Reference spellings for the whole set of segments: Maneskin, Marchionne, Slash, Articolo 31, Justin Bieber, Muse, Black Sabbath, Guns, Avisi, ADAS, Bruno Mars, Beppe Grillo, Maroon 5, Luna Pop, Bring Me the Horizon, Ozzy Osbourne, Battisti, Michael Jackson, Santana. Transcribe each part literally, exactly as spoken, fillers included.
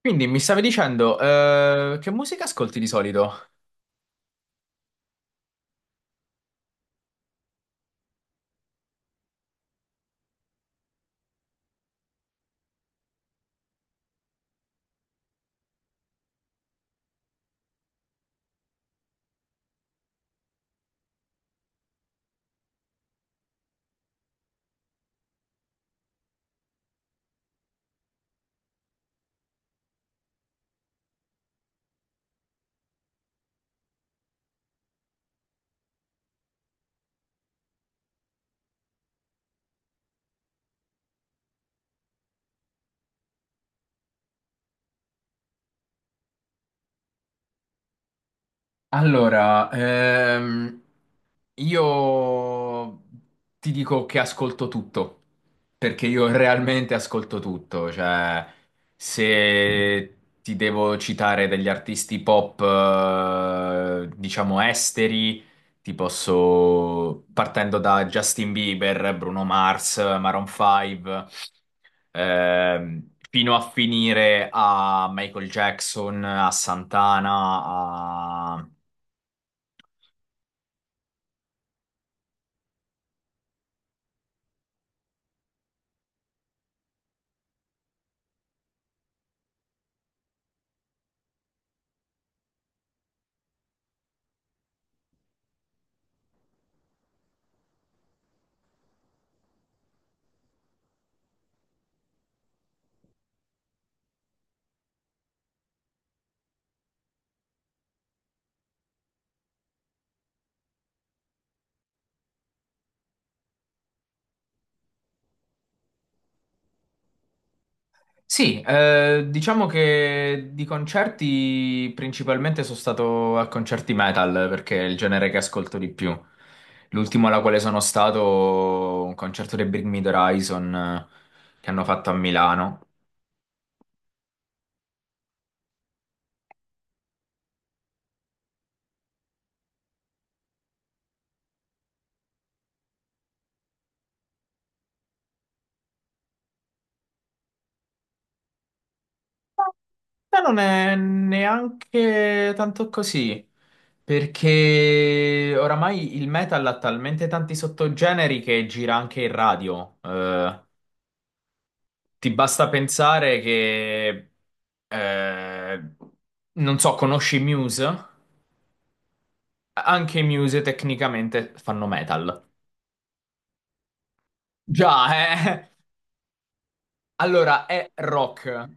Quindi mi stavi dicendo, eh, che musica ascolti di solito? Allora, ehm, io ti dico che ascolto tutto, perché io realmente ascolto tutto, cioè se ti devo citare degli artisti pop, eh, diciamo esteri, ti posso, partendo da Justin Bieber, Bruno Mars, Maroon five, ehm, fino a finire a Michael Jackson, a Santana, a... Sì, eh, diciamo che di concerti principalmente sono stato a concerti metal perché è il genere che ascolto di più. L'ultimo alla quale sono stato, un concerto dei Bring Me the Horizon eh, che hanno fatto a Milano. Ma non è neanche tanto così, perché oramai il metal ha talmente tanti sottogeneri che gira anche in radio. Eh, Ti basta pensare che, eh, non so, conosci Muse? Anche i Muse tecnicamente fanno metal. Già, eh? Allora, è rock.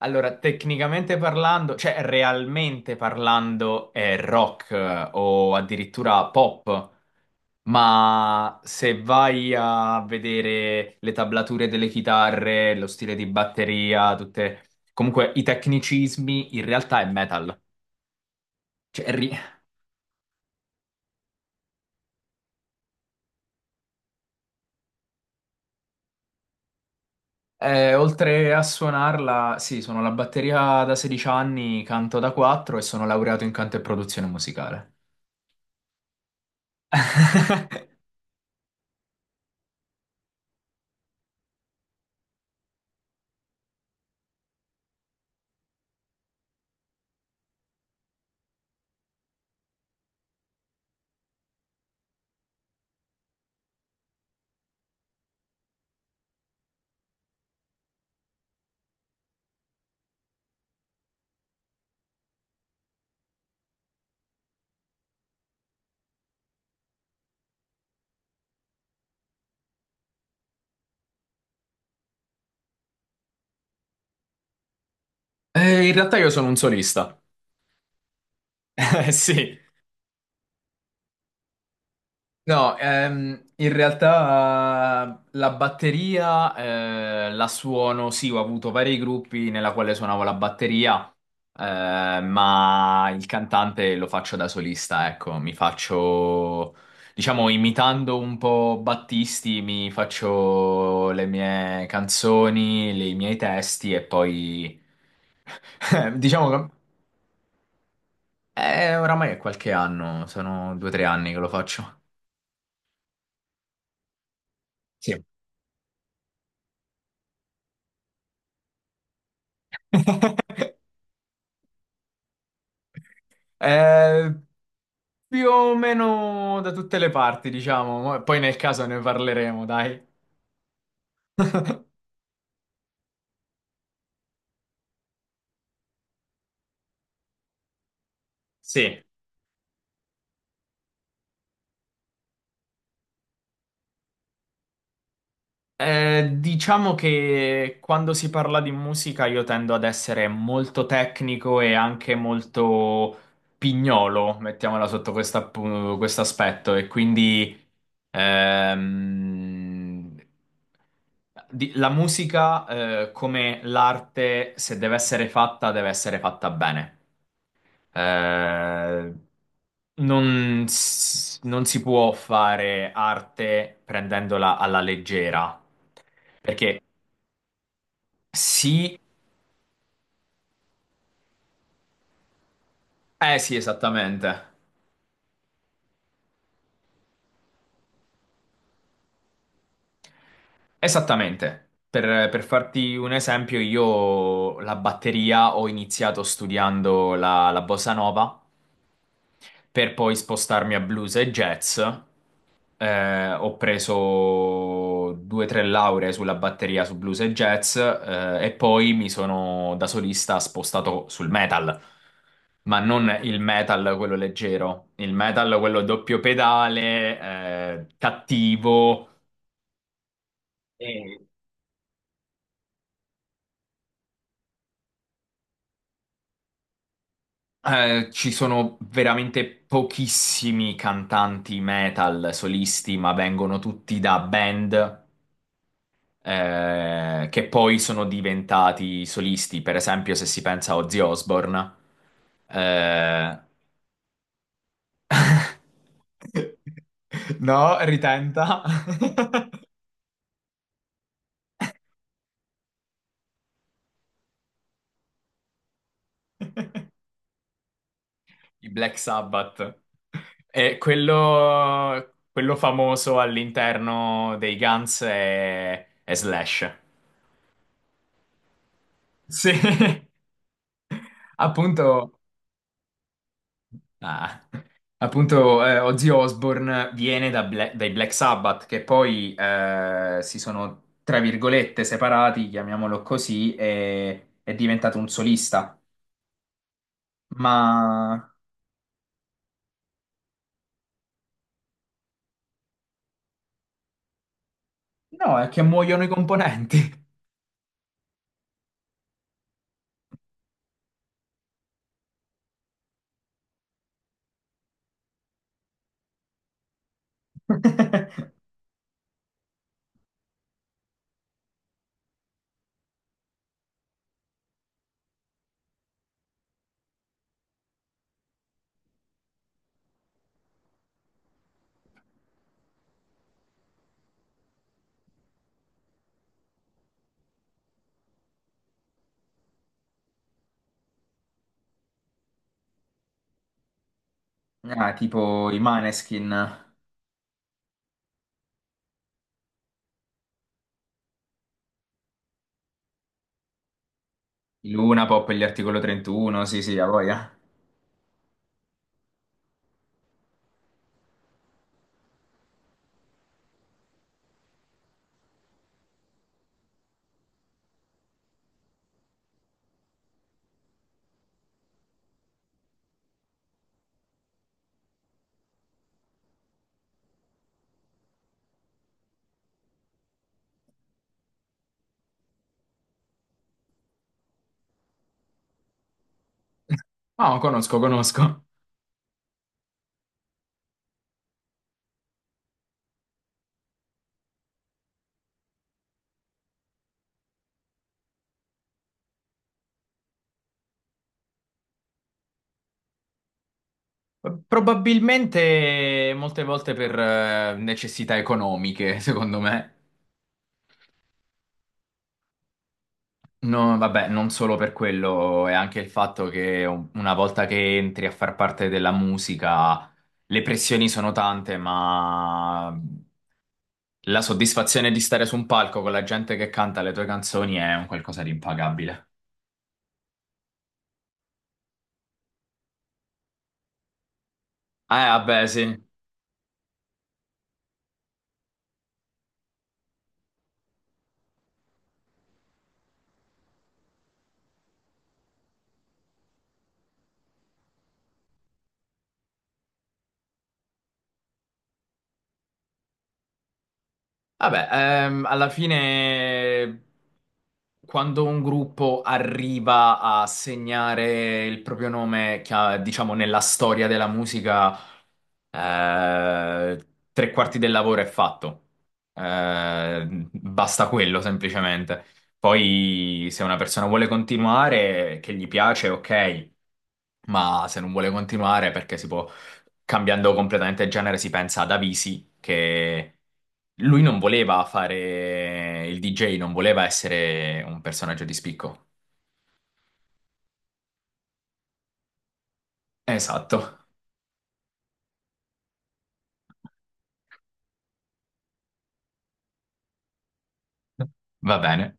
Allora, tecnicamente parlando, cioè realmente parlando, è rock, eh, o addirittura pop. Ma se vai a vedere le tablature delle chitarre, lo stile di batteria, tutte, comunque i tecnicismi, in realtà è metal. Cioè, ri- eh, Oltre a suonarla, sì, sono la batteria da sedici anni, canto da quattro e sono laureato in canto e produzione musicale. Eh, in realtà io sono un solista. Eh, Sì, no, ehm, in realtà eh, la batteria eh, la suono, sì, ho avuto vari gruppi nella quale suonavo la batteria, eh, ma il cantante lo faccio da solista, ecco, mi faccio, diciamo, imitando un po' Battisti, mi faccio le mie canzoni, le- i miei testi e poi, diciamo che eh, oramai è qualche anno, sono due o tre anni che lo faccio. Sì. Eh, Più o meno da tutte le parti, diciamo. Mo- Poi nel caso ne parleremo, dai. Sì. Eh, diciamo che quando si parla di musica io tendo ad essere molto tecnico e anche molto pignolo, mettiamola sotto questa appu- questo aspetto, e quindi ehm, di- la musica, eh, come l'arte, se deve essere fatta, deve essere fatta bene. Eh, non, s- non si può fare arte prendendola alla leggera, perché sì, eh sì, esattamente, esattamente. Per, per farti un esempio, io la batteria ho iniziato studiando la, la bossa nova per poi spostarmi a blues e jazz. Eh, ho preso due o tre lauree sulla batteria su blues e jazz, eh, e poi mi sono da solista spostato sul metal, ma non il metal quello leggero, il metal quello doppio pedale, eh, cattivo. Eh, Eh, ci sono veramente pochissimi cantanti metal solisti, ma vengono tutti da band, eh, che poi sono diventati solisti. Per esempio, se si pensa a Ozzy Osbourne, eh, No, ritenta. I Black Sabbath, e quello, quello famoso all'interno dei Guns è, è Slash. Sì, appunto. Ah, appunto, eh, Ozzy Osbourne viene da Bla- dai Black Sabbath, che poi eh, si sono, tra virgolette, separati, chiamiamolo così, e è diventato un solista. Ma no, è che muoiono i componenti. Ah, tipo i Maneskin, i Luna Pop e gli Articolo trentuno, sì, sì, a voglia. No, conosco, conosco. Probabilmente molte volte per eh, necessità economiche, secondo me. No, vabbè, non solo per quello, è anche il fatto che un- una volta che entri a far parte della musica, le pressioni sono tante, ma la soddisfazione di stare su un palco con la gente che canta le tue canzoni è un qualcosa di impagabile. Eh, vabbè, sì. Vabbè, ehm, alla fine quando un gruppo arriva a segnare il proprio nome, chia- diciamo, nella storia della musica, eh, tre quarti del lavoro è fatto. Eh, basta quello semplicemente. Poi, se una persona vuole continuare, che gli piace, ok, ma se non vuole continuare perché si può cambiando completamente genere, si pensa ad Avisi, che lui non voleva fare il D J, non voleva essere un personaggio di spicco. Esatto, va bene.